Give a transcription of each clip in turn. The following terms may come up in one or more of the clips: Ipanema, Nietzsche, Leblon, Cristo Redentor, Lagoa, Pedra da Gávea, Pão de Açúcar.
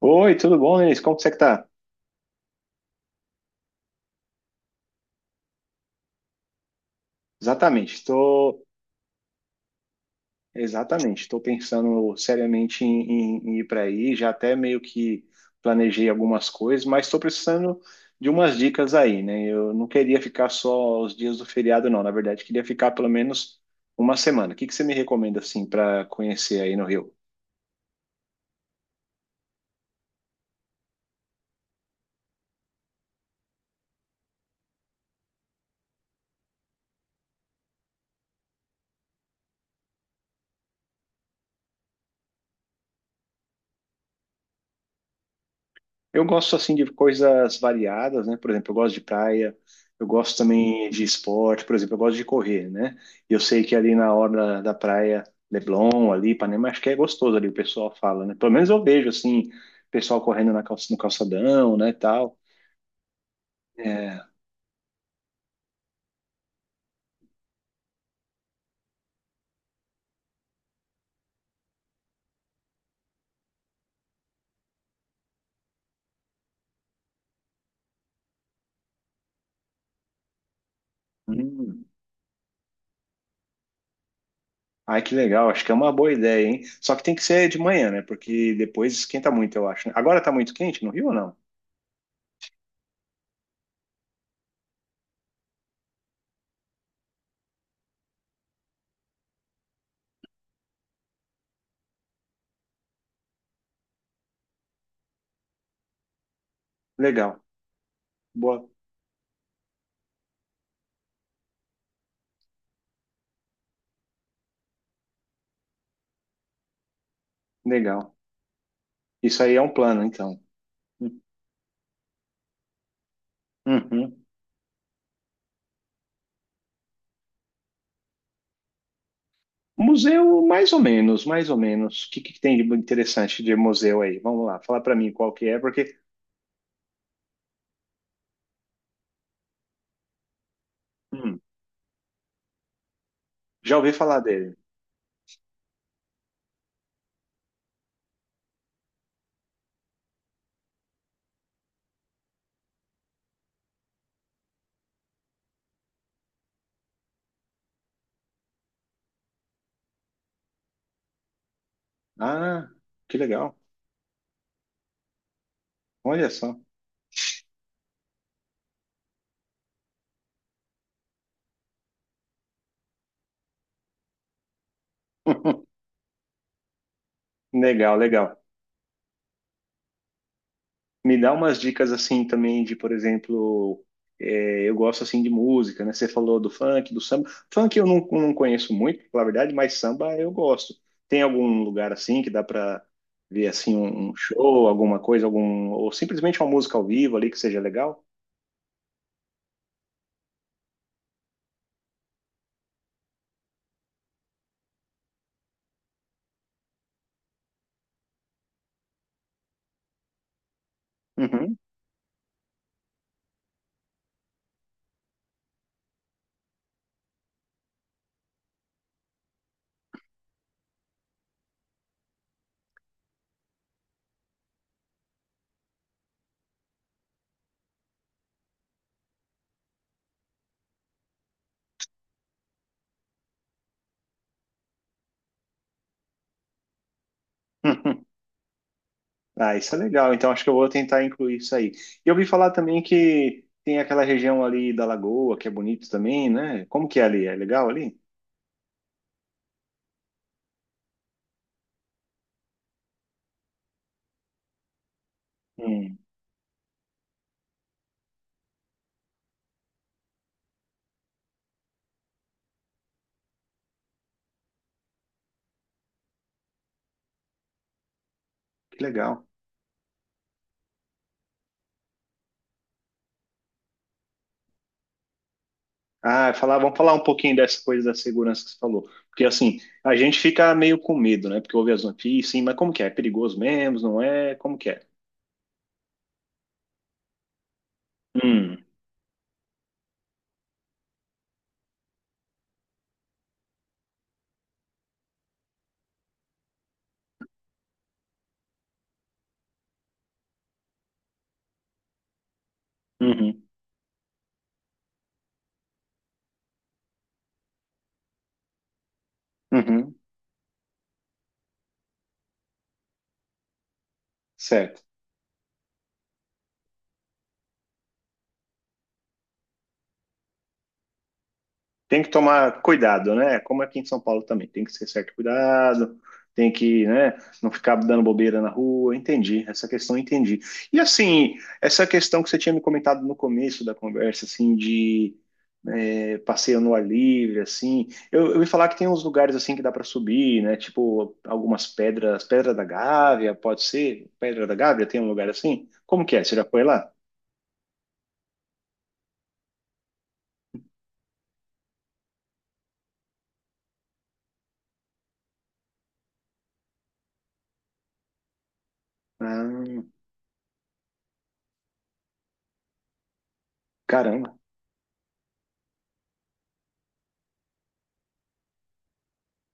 Oi, tudo bom, Denise? Como que você está? Exatamente, estou Estou pensando seriamente em ir para aí, já até meio que planejei algumas coisas, mas estou precisando de umas dicas aí, né? Eu não queria ficar só os dias do feriado, não. Na verdade, queria ficar pelo menos uma semana. O que que você me recomenda assim para conhecer aí no Rio? Eu gosto assim de coisas variadas, né? Por exemplo, eu gosto de praia, eu gosto também de esporte, por exemplo, eu gosto de correr, né? E eu sei que ali na hora da praia, Leblon, ali, Ipanema, acho que é gostoso ali, o pessoal fala, né? Pelo menos eu vejo assim, pessoal correndo no calçadão, né, e tal. É. Hum. Ai, que legal, acho que é uma boa ideia, hein? Só que tem que ser de manhã, né? Porque depois esquenta muito, eu acho, né? Agora tá muito quente no Rio ou não? Legal. Boa, legal. Isso aí é um plano, então. Uhum. Museu, mais ou menos, mais ou menos. O que, que tem de interessante de museu aí? Vamos lá, fala pra mim qual que é, porque hum, já ouvi falar dele. Ah, que legal. Olha só. Legal, legal. Me dá umas dicas assim também de, por exemplo, eu gosto assim de música, né? Você falou do funk, do samba. Funk eu não, não conheço muito, pra falar a verdade, mas samba eu gosto. Tem algum lugar assim que dá pra ver assim um show, alguma coisa, algum ou simplesmente uma música ao vivo ali que seja legal? Uhum. Ah, isso é legal. Então acho que eu vou tentar incluir isso aí. E eu ouvi falar também que tem aquela região ali da Lagoa, que é bonito também, né? Como que é ali? É legal ali? Hum, que legal. Ah, falar, vamos falar um pouquinho dessa coisa da segurança que você falou. Porque assim, a gente fica meio com medo, né? Porque ouve as notícias, sim, mas como que é? É perigoso mesmo, não é? Como que é? Hum, uhum, uhum, certo. Tem que tomar cuidado, né? Como aqui em São Paulo também, tem que ser certo cuidado, tem que, né, não ficar dando bobeira na rua. Entendi, essa questão eu entendi. E assim, essa questão que você tinha me comentado no começo da conversa, assim, de passeio no ar livre, assim, eu ouvi falar que tem uns lugares assim que dá para subir, né? Tipo algumas pedras, Pedra da Gávea, pode ser? Pedra da Gávea tem um lugar assim? Como que é? Você já foi lá? Ah, caramba.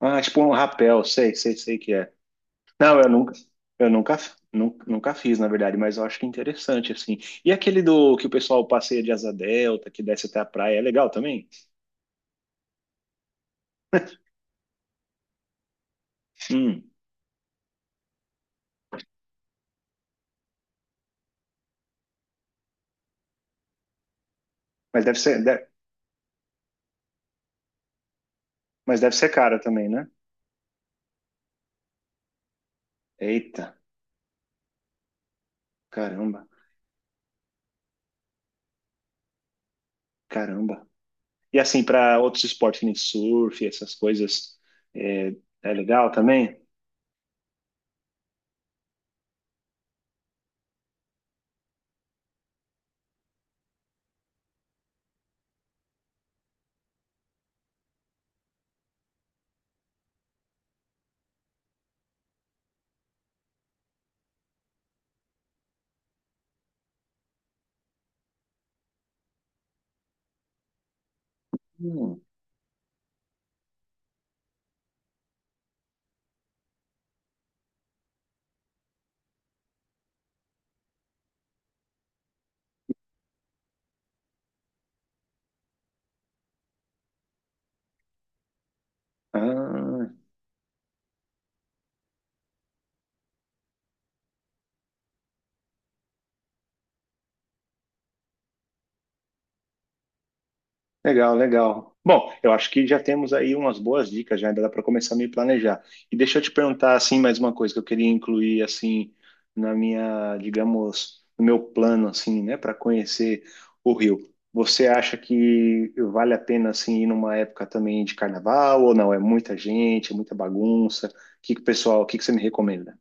Ah, tipo um rapel, sei, sei, sei que é. Não, eu nunca, nunca, nunca fiz, na verdade, mas eu acho que é interessante, assim. E aquele do que o pessoal passeia de asa delta, que desce até a praia, é legal também? Hum, mas deve ser, de- mas deve ser cara também, né? Eita, caramba, caramba. E assim, para outros esportes, que nem surf, essas coisas, é, é legal também? Hum, ah, legal, legal. Bom, eu acho que já temos aí umas boas dicas, já ainda dá para começar a me planejar. E deixa eu te perguntar assim mais uma coisa que eu queria incluir assim na minha, digamos, no meu plano assim, né, para conhecer o Rio. Você acha que vale a pena assim ir numa época também de carnaval ou não? É muita gente, é muita bagunça. O que que o pessoal, o que que você me recomenda?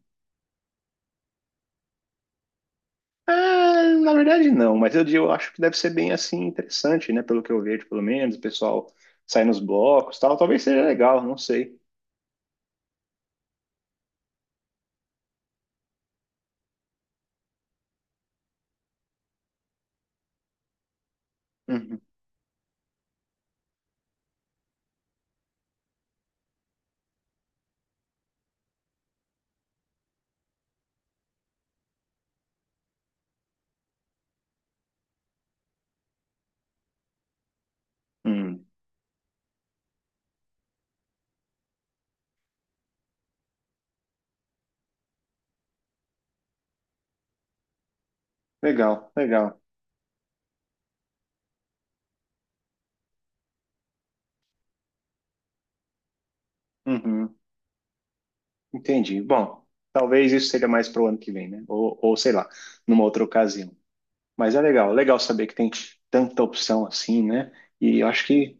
Ah, na verdade não, mas eu acho que deve ser bem assim interessante, né? Pelo que eu vejo, pelo menos, o pessoal sai nos blocos, tal, talvez seja legal, não sei. Uhum, uhum. Legal, legal. Uhum, entendi. Bom, talvez isso seja mais pro ano que vem, né? Ou sei lá, numa outra ocasião. Mas é legal, legal saber que tem tanta opção assim, né? E eu acho que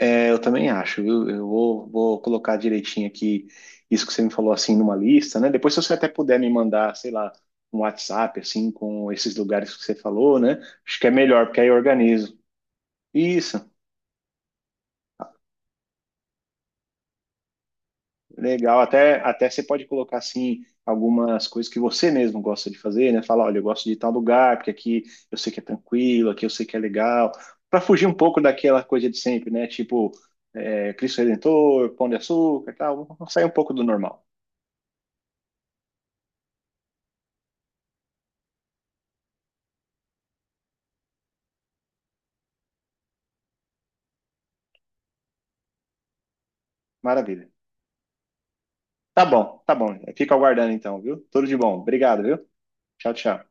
É, eu também acho, viu? Vou colocar direitinho aqui isso que você me falou assim numa lista, né? Depois, se você até puder me mandar, sei lá, um WhatsApp assim com esses lugares que você falou, né? Acho que é melhor, porque aí eu organizo. Isso, legal. Até você pode colocar assim algumas coisas que você mesmo gosta de fazer, né? Falar, olha, eu gosto de tal lugar, porque aqui eu sei que é tranquilo, aqui eu sei que é legal, para fugir um pouco daquela coisa de sempre, né? Tipo, Cristo Redentor, Pão de Açúcar, e tal, vamos sair um pouco do normal. Maravilha. Tá bom, tá bom. Fica aguardando então, viu? Tudo de bom. Obrigado, viu? Tchau, tchau.